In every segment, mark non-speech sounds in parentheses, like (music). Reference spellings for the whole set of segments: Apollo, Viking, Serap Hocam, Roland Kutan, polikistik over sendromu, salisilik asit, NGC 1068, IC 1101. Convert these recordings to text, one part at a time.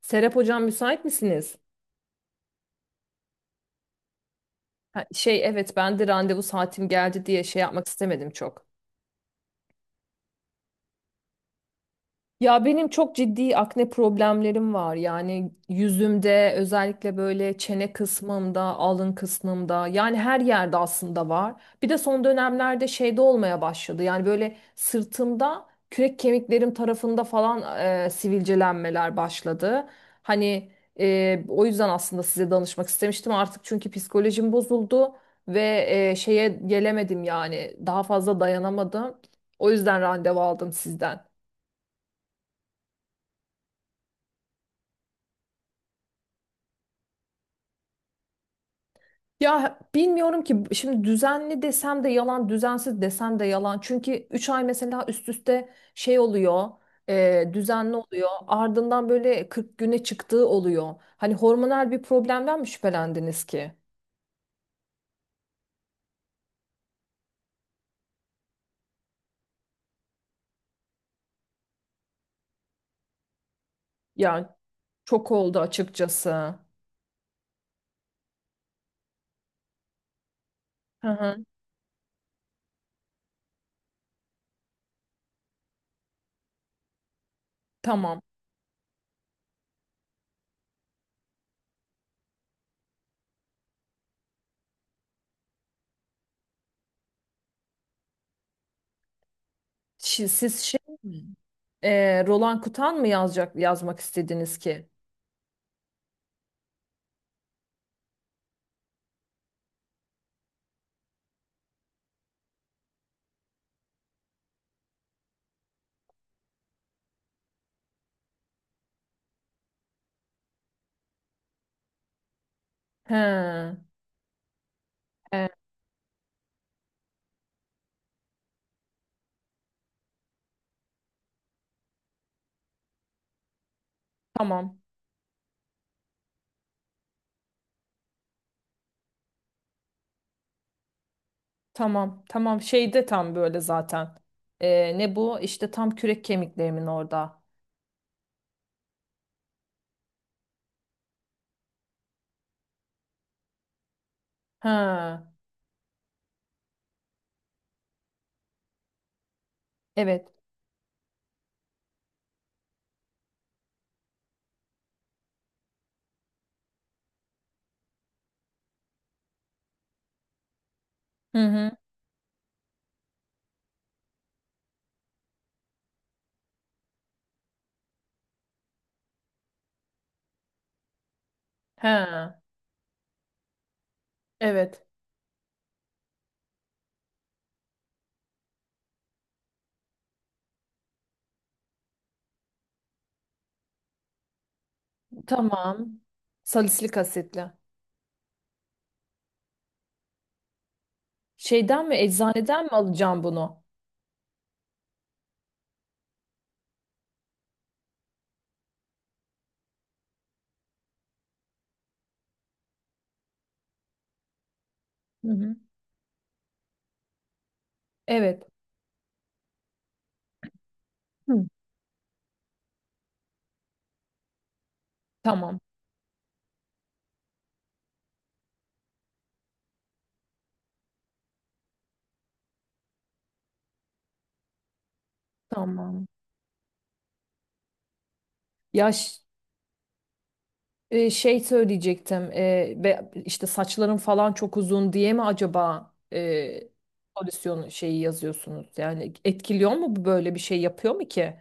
Serap Hocam müsait misiniz? Ha, şey evet ben de randevu saatim geldi diye şey yapmak istemedim çok. Ya benim çok ciddi akne problemlerim var. Yani yüzümde özellikle böyle çene kısmımda, alın kısmımda yani her yerde aslında var. Bir de son dönemlerde şeyde olmaya başladı. Yani böyle sırtımda kürek kemiklerim tarafında falan sivilcelenmeler başladı. Hani o yüzden aslında size danışmak istemiştim artık çünkü psikolojim bozuldu ve şeye gelemedim yani daha fazla dayanamadım. O yüzden randevu aldım sizden. Ya bilmiyorum ki şimdi düzenli desem de yalan, düzensiz desem de yalan. Çünkü 3 ay mesela üst üste şey oluyor, düzenli oluyor. Ardından böyle 40 güne çıktığı oluyor. Hani hormonal bir problemden mi şüphelendiniz ki? Yani çok oldu açıkçası. Hı hı. Tamam. Siz şey mi? Roland Kutan mı yazacak, yazmak istediniz ki? He. E, tamam. Tamam, tamam. Şeyde tam böyle zaten. Ne bu? İşte tam kürek kemiklerimin orada. Ha, evet. Hı hı. Ha, evet. Tamam. Salisilik asitli. Şeyden mi, eczaneden mi alacağım bunu? Hı hı. Evet. Hı. Tamam, tamam. Ya ş- şey söyleyecektim. İşte saçların falan çok uzun diye mi acaba solüsyon şeyi yazıyorsunuz? Yani etkiliyor mu bu böyle bir şey yapıyor mu ki?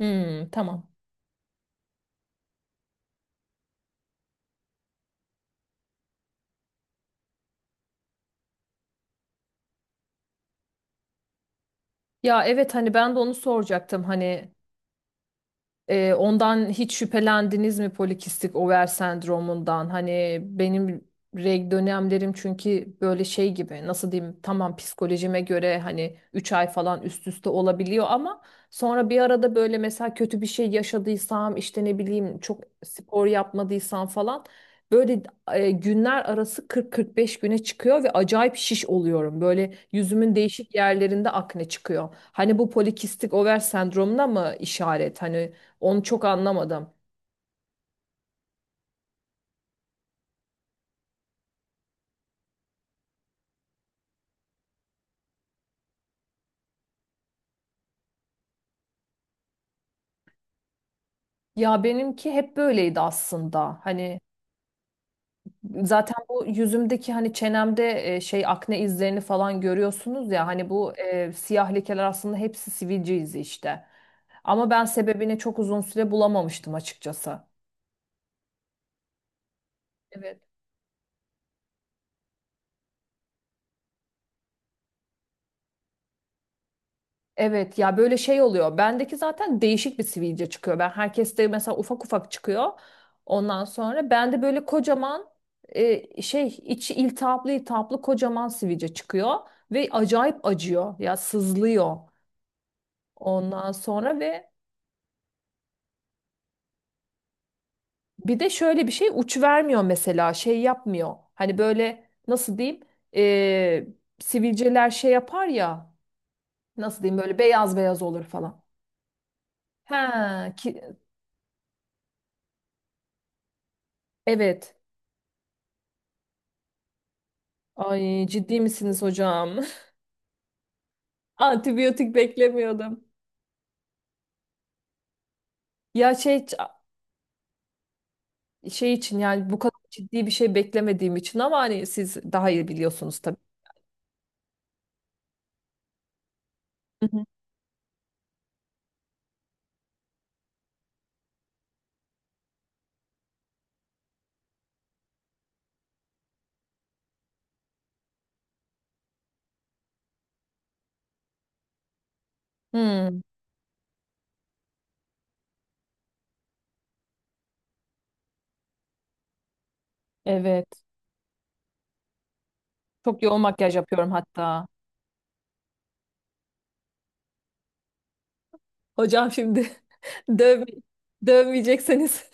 Hmm, tamam. Ya evet hani ben de onu soracaktım hani. Ondan hiç şüphelendiniz mi polikistik over sendromundan? Hani benim reg dönemlerim çünkü böyle şey gibi nasıl diyeyim tamam psikolojime göre hani 3 ay falan üst üste olabiliyor ama sonra bir arada böyle mesela kötü bir şey yaşadıysam işte ne bileyim çok spor yapmadıysam falan böyle günler arası 40-45 güne çıkıyor ve acayip şiş oluyorum. Böyle yüzümün değişik yerlerinde akne çıkıyor. Hani bu polikistik over sendromuna mı işaret? Hani onu çok anlamadım. Ya benimki hep böyleydi aslında. Hani zaten bu yüzümdeki hani çenemde şey akne izlerini falan görüyorsunuz ya hani bu siyah lekeler aslında hepsi sivilce izi işte. Ama ben sebebini çok uzun süre bulamamıştım açıkçası. Evet. Evet ya böyle şey oluyor. Bendeki zaten değişik bir sivilce çıkıyor. Ben herkeste mesela ufak ufak çıkıyor. Ondan sonra bende böyle kocaman şey içi iltihaplı iltihaplı kocaman sivilce çıkıyor ve acayip acıyor. Ya sızlıyor. Ondan sonra ve bir de şöyle bir şey uç vermiyor mesela şey yapmıyor. Hani böyle nasıl diyeyim e, sivilceler şey yapar ya nasıl diyeyim böyle beyaz beyaz olur falan. Ha ki evet. Ay ciddi misiniz hocam? (laughs) Antibiyotik beklemiyordum. Ya şey için yani bu kadar ciddi bir şey beklemediğim için ama hani siz daha iyi biliyorsunuz tabii. Hı hı. Hmm, evet. Çok yoğun makyaj yapıyorum hatta. Hocam şimdi (laughs) döv dövmeyecekseniz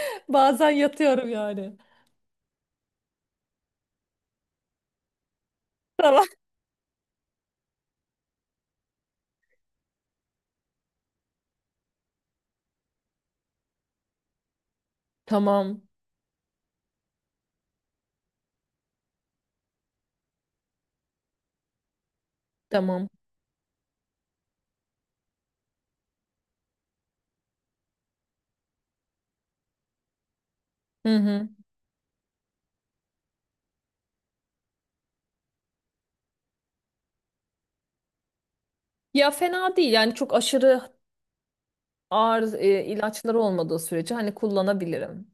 (laughs) bazen yatıyorum yani. Tamam. Tamam. Tamam. Hı hı. Ya fena değil yani çok aşırı ağır ilaçları olmadığı sürece hani kullanabilirim.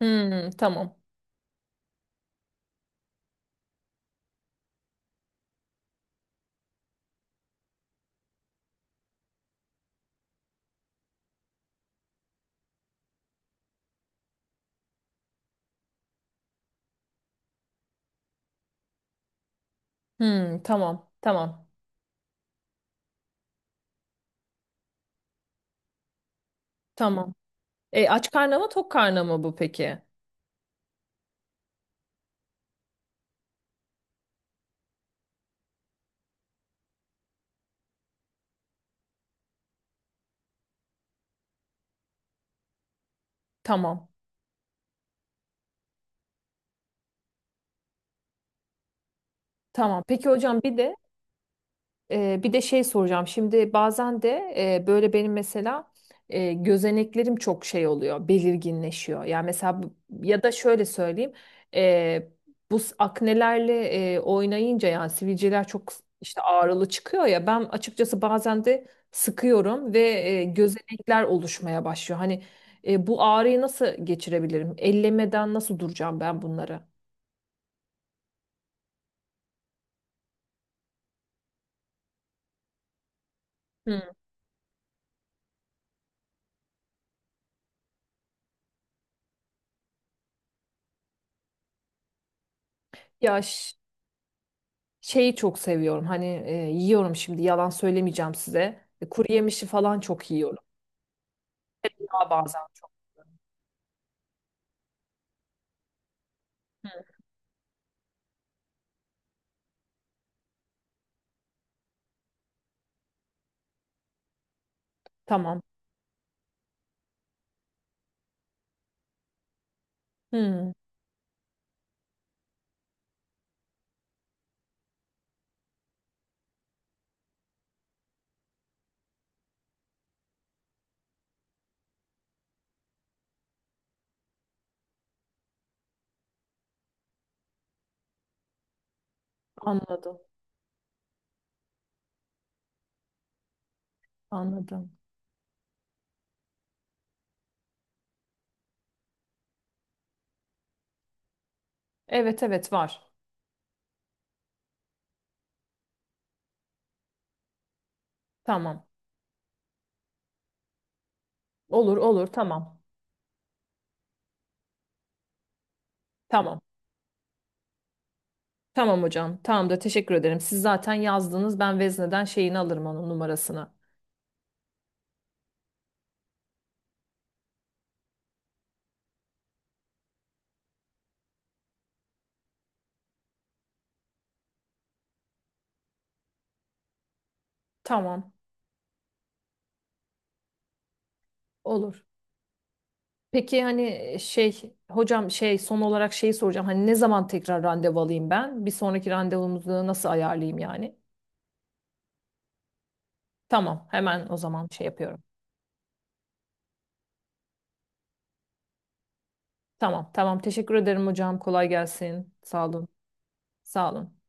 Hmm, tamam. Hmm, tamam. Tamam. Tamam. Aç karnı mı tok karnı mı bu peki? Tamam. Tamam. Peki hocam bir de şey soracağım. Şimdi bazen de böyle benim mesela gözeneklerim çok şey oluyor, belirginleşiyor. Yani mesela ya da şöyle söyleyeyim, e, bu aknelerle oynayınca yani sivilceler çok işte ağrılı çıkıyor ya. Ben açıkçası bazen de sıkıyorum ve gözenekler oluşmaya başlıyor. Hani bu ağrıyı nasıl geçirebilirim? Ellemeden nasıl duracağım ben bunları? Hı. Ya şeyi çok seviyorum. Hani yiyorum şimdi yalan söylemeyeceğim size. Kuru yemişi falan çok yiyorum. Daha bazen çok. Tamam. Hmm, anladım. Anladım. Evet, evet, var. Tamam. Olur, olur, tamam. Tamam. Tamam hocam. Tamam da teşekkür ederim. Siz zaten yazdınız. Ben vezneden şeyini alırım onun numarasını. Tamam. Olur. Peki hani şey hocam şey son olarak şeyi soracağım. Hani ne zaman tekrar randevu alayım ben? Bir sonraki randevumuzu nasıl ayarlayayım yani? Tamam, hemen o zaman şey yapıyorum. Tamam, tamam. Teşekkür ederim hocam. Kolay gelsin. Sağ olun. Sağ olun.